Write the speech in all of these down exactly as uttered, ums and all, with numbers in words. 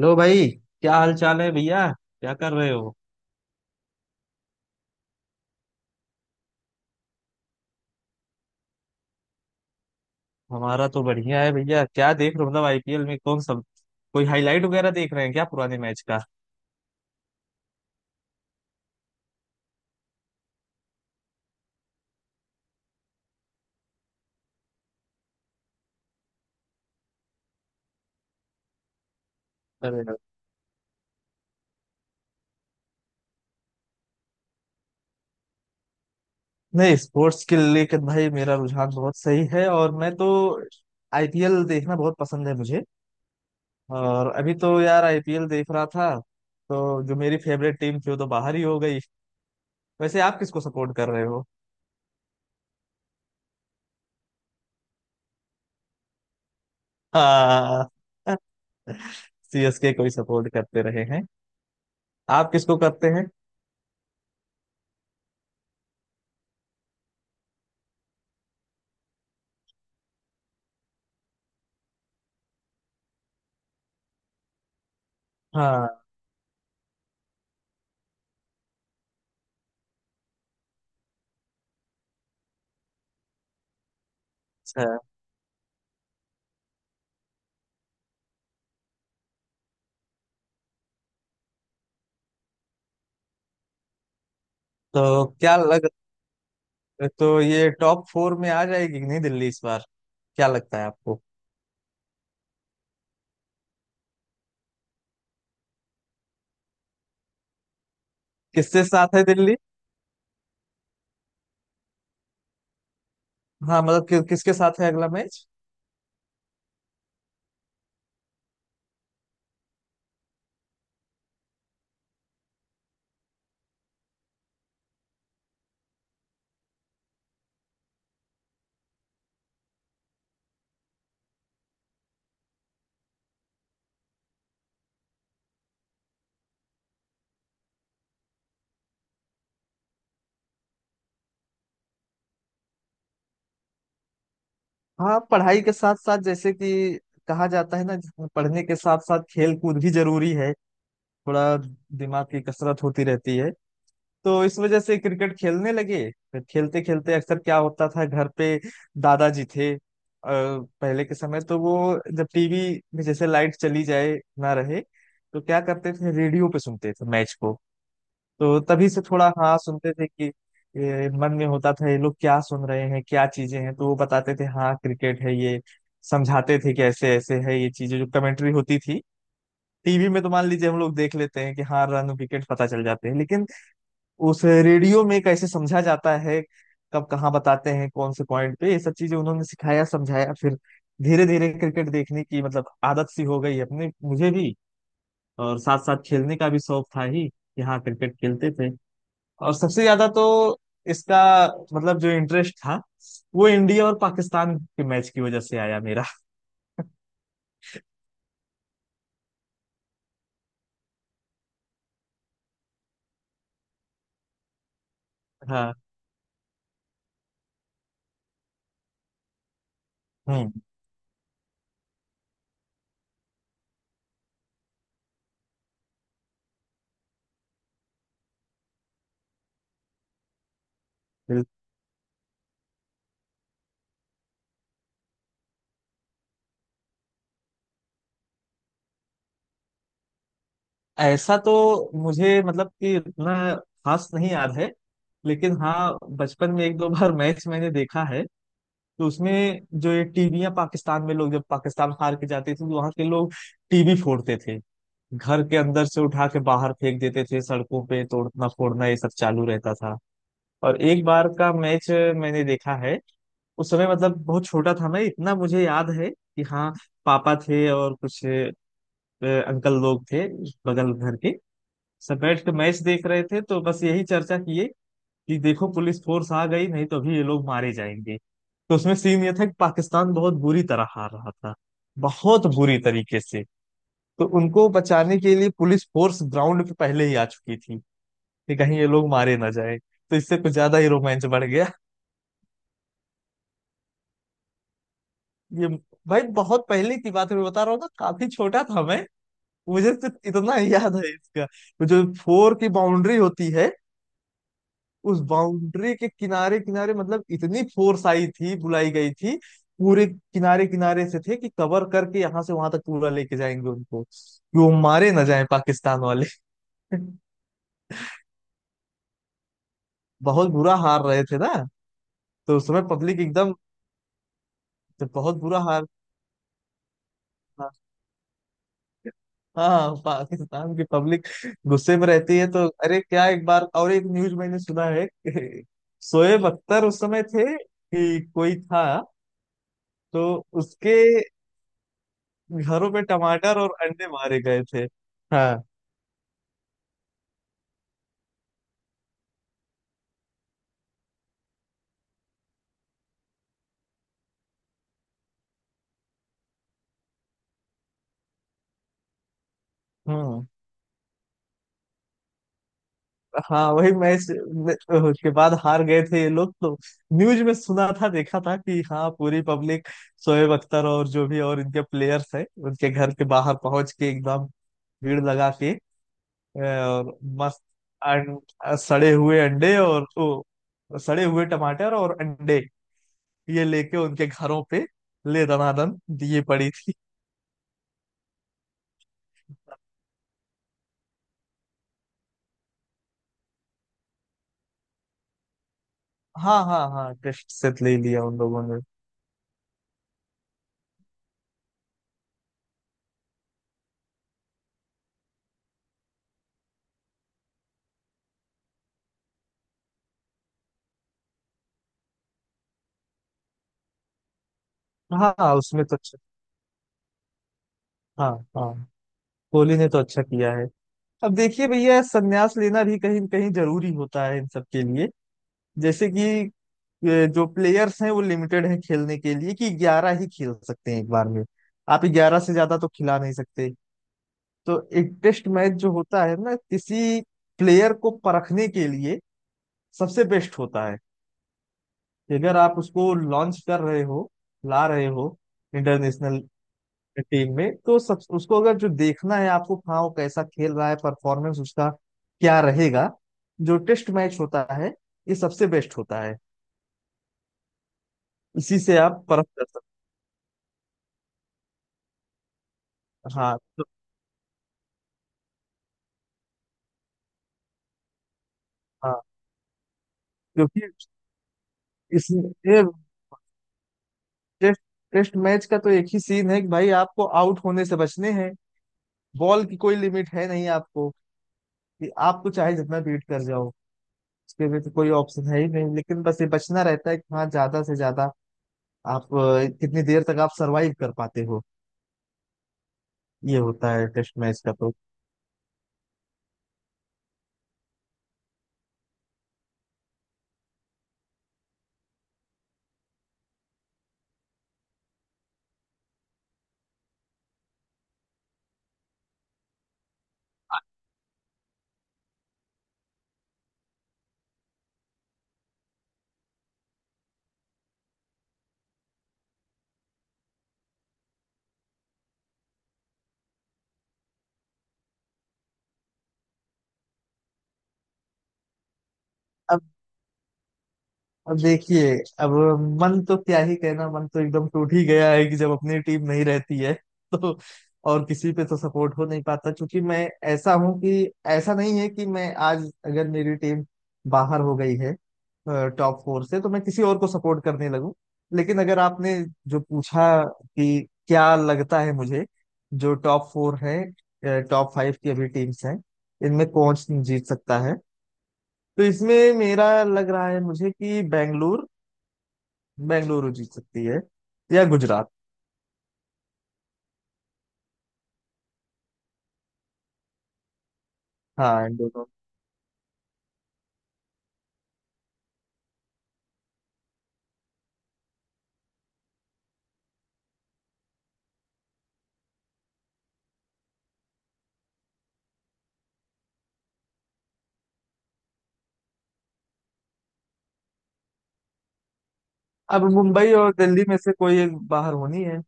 लो भाई। क्या हाल चाल है भैया? क्या कर रहे हो? हमारा तो बढ़िया है भैया। क्या देख रहे हो मतलब आई पी एल में कौन सा? कोई हाईलाइट वगैरह देख रहे हैं क्या पुराने मैच का? अरे यार। नहीं, स्पोर्ट्स के लेकर भाई मेरा रुझान बहुत सही है, और मैं तो आई पी एल देखना बहुत पसंद है मुझे। और अभी तो यार आई पी एल देख रहा था, तो जो मेरी फेवरेट टीम थी वो तो बाहर ही हो गई। वैसे आप किसको सपोर्ट कर रहे हो? हाँ, सी एस के को ही सपोर्ट करते रहे हैं। आप किसको करते हैं? हाँ। अच्छा। तो क्या लग, तो ये टॉप फोर में आ जाएगी कि नहीं दिल्ली इस बार? क्या लगता है आपको? किसके साथ है दिल्ली? हाँ मतलब कि, किसके साथ है अगला मैच? हाँ, पढ़ाई के साथ साथ जैसे कि कहा जाता है ना, पढ़ने के साथ साथ खेल कूद भी जरूरी है। थोड़ा दिमाग की कसरत होती रहती है। तो इस वजह से क्रिकेट खेलने लगे। फिर खेलते खेलते अक्सर क्या होता था घर पे, दादाजी थे, अ, पहले के समय तो वो, जब टीवी में जैसे लाइट चली जाए, ना रहे, तो क्या करते थे, रेडियो पे सुनते थे मैच को। तो तभी से थोड़ा हाँ सुनते थे कि ये, मन में होता था ये लोग क्या सुन रहे हैं, क्या चीजें हैं। तो वो बताते थे हाँ क्रिकेट है ये, समझाते थे कि ऐसे ऐसे है ये चीजें, जो कमेंट्री होती थी। टीवी में तो मान लीजिए हम लोग देख लेते हैं कि हाँ रन विकेट पता चल जाते हैं, लेकिन उस रेडियो में कैसे समझा जाता है, कब कहाँ बताते हैं कौन से पॉइंट पे, ये सब चीजें उन्होंने सिखाया समझाया। फिर धीरे धीरे क्रिकेट देखने की मतलब आदत सी हो गई अपने, मुझे भी। और साथ साथ खेलने का भी शौक था ही कि हाँ क्रिकेट खेलते थे। और सबसे ज्यादा तो इसका मतलब जो इंटरेस्ट था, वो इंडिया और पाकिस्तान के मैच की वजह से आया मेरा। हाँ। हम्म। बिल- ऐसा तो मुझे मतलब कि इतना खास नहीं याद है, लेकिन हाँ बचपन में एक दो बार मैच मैंने देखा है। तो उसमें जो ये टीवियां, पाकिस्तान में लोग जब पाकिस्तान हार के जाते थे तो वहां के लोग टीवी फोड़ते थे, घर के अंदर से उठा के बाहर फेंक देते थे, सड़कों पे तोड़ना फोड़ना ये सब चालू रहता था। और एक बार का मैच मैंने देखा है, उस समय मतलब बहुत छोटा था मैं। इतना मुझे याद है कि हाँ पापा थे और कुछ अ, अंकल लोग थे बगल घर के, सब बैठ के मैच देख रहे थे। तो बस यही चर्चा किए कि देखो पुलिस फोर्स आ गई, नहीं तो अभी ये लोग मारे जाएंगे। तो उसमें सीन ये था कि पाकिस्तान बहुत बुरी तरह हार रहा था, बहुत बुरी तरीके से। तो उनको बचाने के लिए पुलिस फोर्स ग्राउंड पे पहले ही आ चुकी थी कि कहीं ये लोग मारे ना जाए। तो इससे कुछ ज्यादा ही रोमांच बढ़ गया। ये, भाई बहुत पहले की बात है, मैं बता रहा हूँ ना, काफी छोटा था मैं। मुझे सिर्फ इतना ही याद है इसका। वो जो फोर की बाउंड्री होती है, उस बाउंड्री के किनारे किनारे मतलब इतनी फोर्स आई थी, बुलाई गई थी, पूरे किनारे किनारे से थे कि कवर करके यहाँ से वहां तक पूरा लेके जाएंगे उनको कि वो मारे ना जाए पाकिस्तान वाले। बहुत बुरा हार रहे थे ना। तो उस समय पब्लिक एकदम बहुत बुरा हार था। हाँ, पाकिस्तान की पब्लिक गुस्से में रहती है। तो अरे क्या, एक बार और एक न्यूज मैंने सुना है कि शोएब अख्तर उस समय थे कि कोई था, तो उसके घरों पे टमाटर और अंडे मारे गए थे। हाँ। हम्म। हाँ, वही मैच में- के बाद हार गए थे ये लोग। तो न्यूज में सुना था, देखा था कि हाँ पूरी पब्लिक शोएब अख्तर और जो भी और इनके प्लेयर्स हैं उनके घर के बाहर पहुंच के एकदम भीड़ लगा के और मस्त अं- सड़े हुए अंडे और ओ, सड़े हुए टमाटर और अंडे ये लेके उनके घरों पे ले दनादन दिए पड़ी थी। हाँ हाँ हाँ, टेस्ट सेट ले लिया उन लोगों ने। हाँ हाँ, उसमें तो अच्छा। हाँ हाँ, कोहली ने तो अच्छा किया है। अब देखिए भैया, संन्यास लेना भी कहीं न कहीं जरूरी होता है इन सब के लिए। जैसे कि ए, जो प्लेयर्स हैं वो लिमिटेड हैं खेलने के लिए कि ग्यारह ही खेल सकते हैं एक बार में। आप ग्यारह से ज्यादा तो खिला नहीं सकते। तो एक टेस्ट मैच जो होता है ना, किसी प्लेयर को परखने के लिए सबसे बेस्ट होता है। कि अगर आप उसको लॉन्च कर रहे हो, ला रहे हो इंटरनेशनल टीम में, तो सब उसको अगर जो देखना है आपको हाँ वो कैसा खेल रहा है, परफॉर्मेंस उसका क्या रहेगा, जो टेस्ट मैच होता है ये सबसे बेस्ट होता है। इसी से आप परख कर सकते हैं। हाँ तो, हाँ क्योंकि इसमें टेस्ट, टेस्ट मैच का तो एक ही सीन है कि भाई आपको आउट होने से बचने हैं। बॉल की कोई लिमिट है नहीं आपको कि आपको चाहे जितना बीट कर जाओ, उसके भी तो कोई ऑप्शन है ही नहीं। लेकिन बस ये बचना रहता है कि हाँ ज्यादा से ज्यादा आप अ, कितनी देर तक आप सरवाइव कर पाते हो, ये होता है टेस्ट मैच का। तो अब अब देखिए, अब मन तो क्या ही कहना, मन तो एकदम टूट ही गया है कि जब अपनी टीम नहीं रहती है तो और किसी पे तो सपोर्ट हो नहीं पाता, क्योंकि मैं ऐसा हूं कि ऐसा नहीं है कि मैं आज अगर मेरी टीम बाहर हो गई है टॉप फोर से तो मैं किसी और को सपोर्ट करने लगूं। लेकिन अगर आपने जो पूछा कि क्या लगता है मुझे, जो टॉप फोर है, टॉप फाइव की अभी टीम्स हैं, इनमें कौन जीत सकता है, तो इसमें मेरा लग रहा है मुझे कि बेंगलुरु बेंगलुरु जीत सकती है या गुजरात। हाँ, इन दोनों। अब मुंबई और दिल्ली में से कोई एक बाहर होनी है।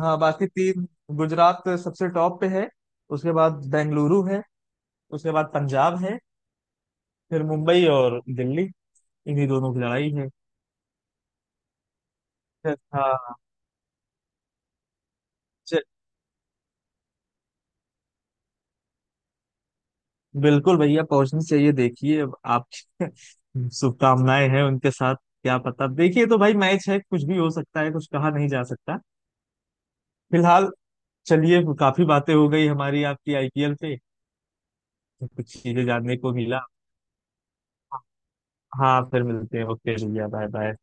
हाँ, बाकी तीन। गुजरात सबसे टॉप पे है, उसके बाद बेंगलुरु है, उसके बाद पंजाब है। फिर मुंबई और दिल्ली, इन्हीं दोनों की लड़ाई है। फिर- हाँ। च- बिल्कुल भैया, पहुंचनी चाहिए। देखिए अब आपकी शुभकामनाएं हैं उनके साथ। क्या पता, देखिए तो भाई मैच है, कुछ भी हो सकता है, कुछ कहा नहीं जा सकता फिलहाल। चलिए, काफी बातें हो गई हमारी आपकी आई पी एल पे, कुछ चीजें जानने को मिला। हाँ फिर मिलते हैं, ओके भैया, बाय बाय।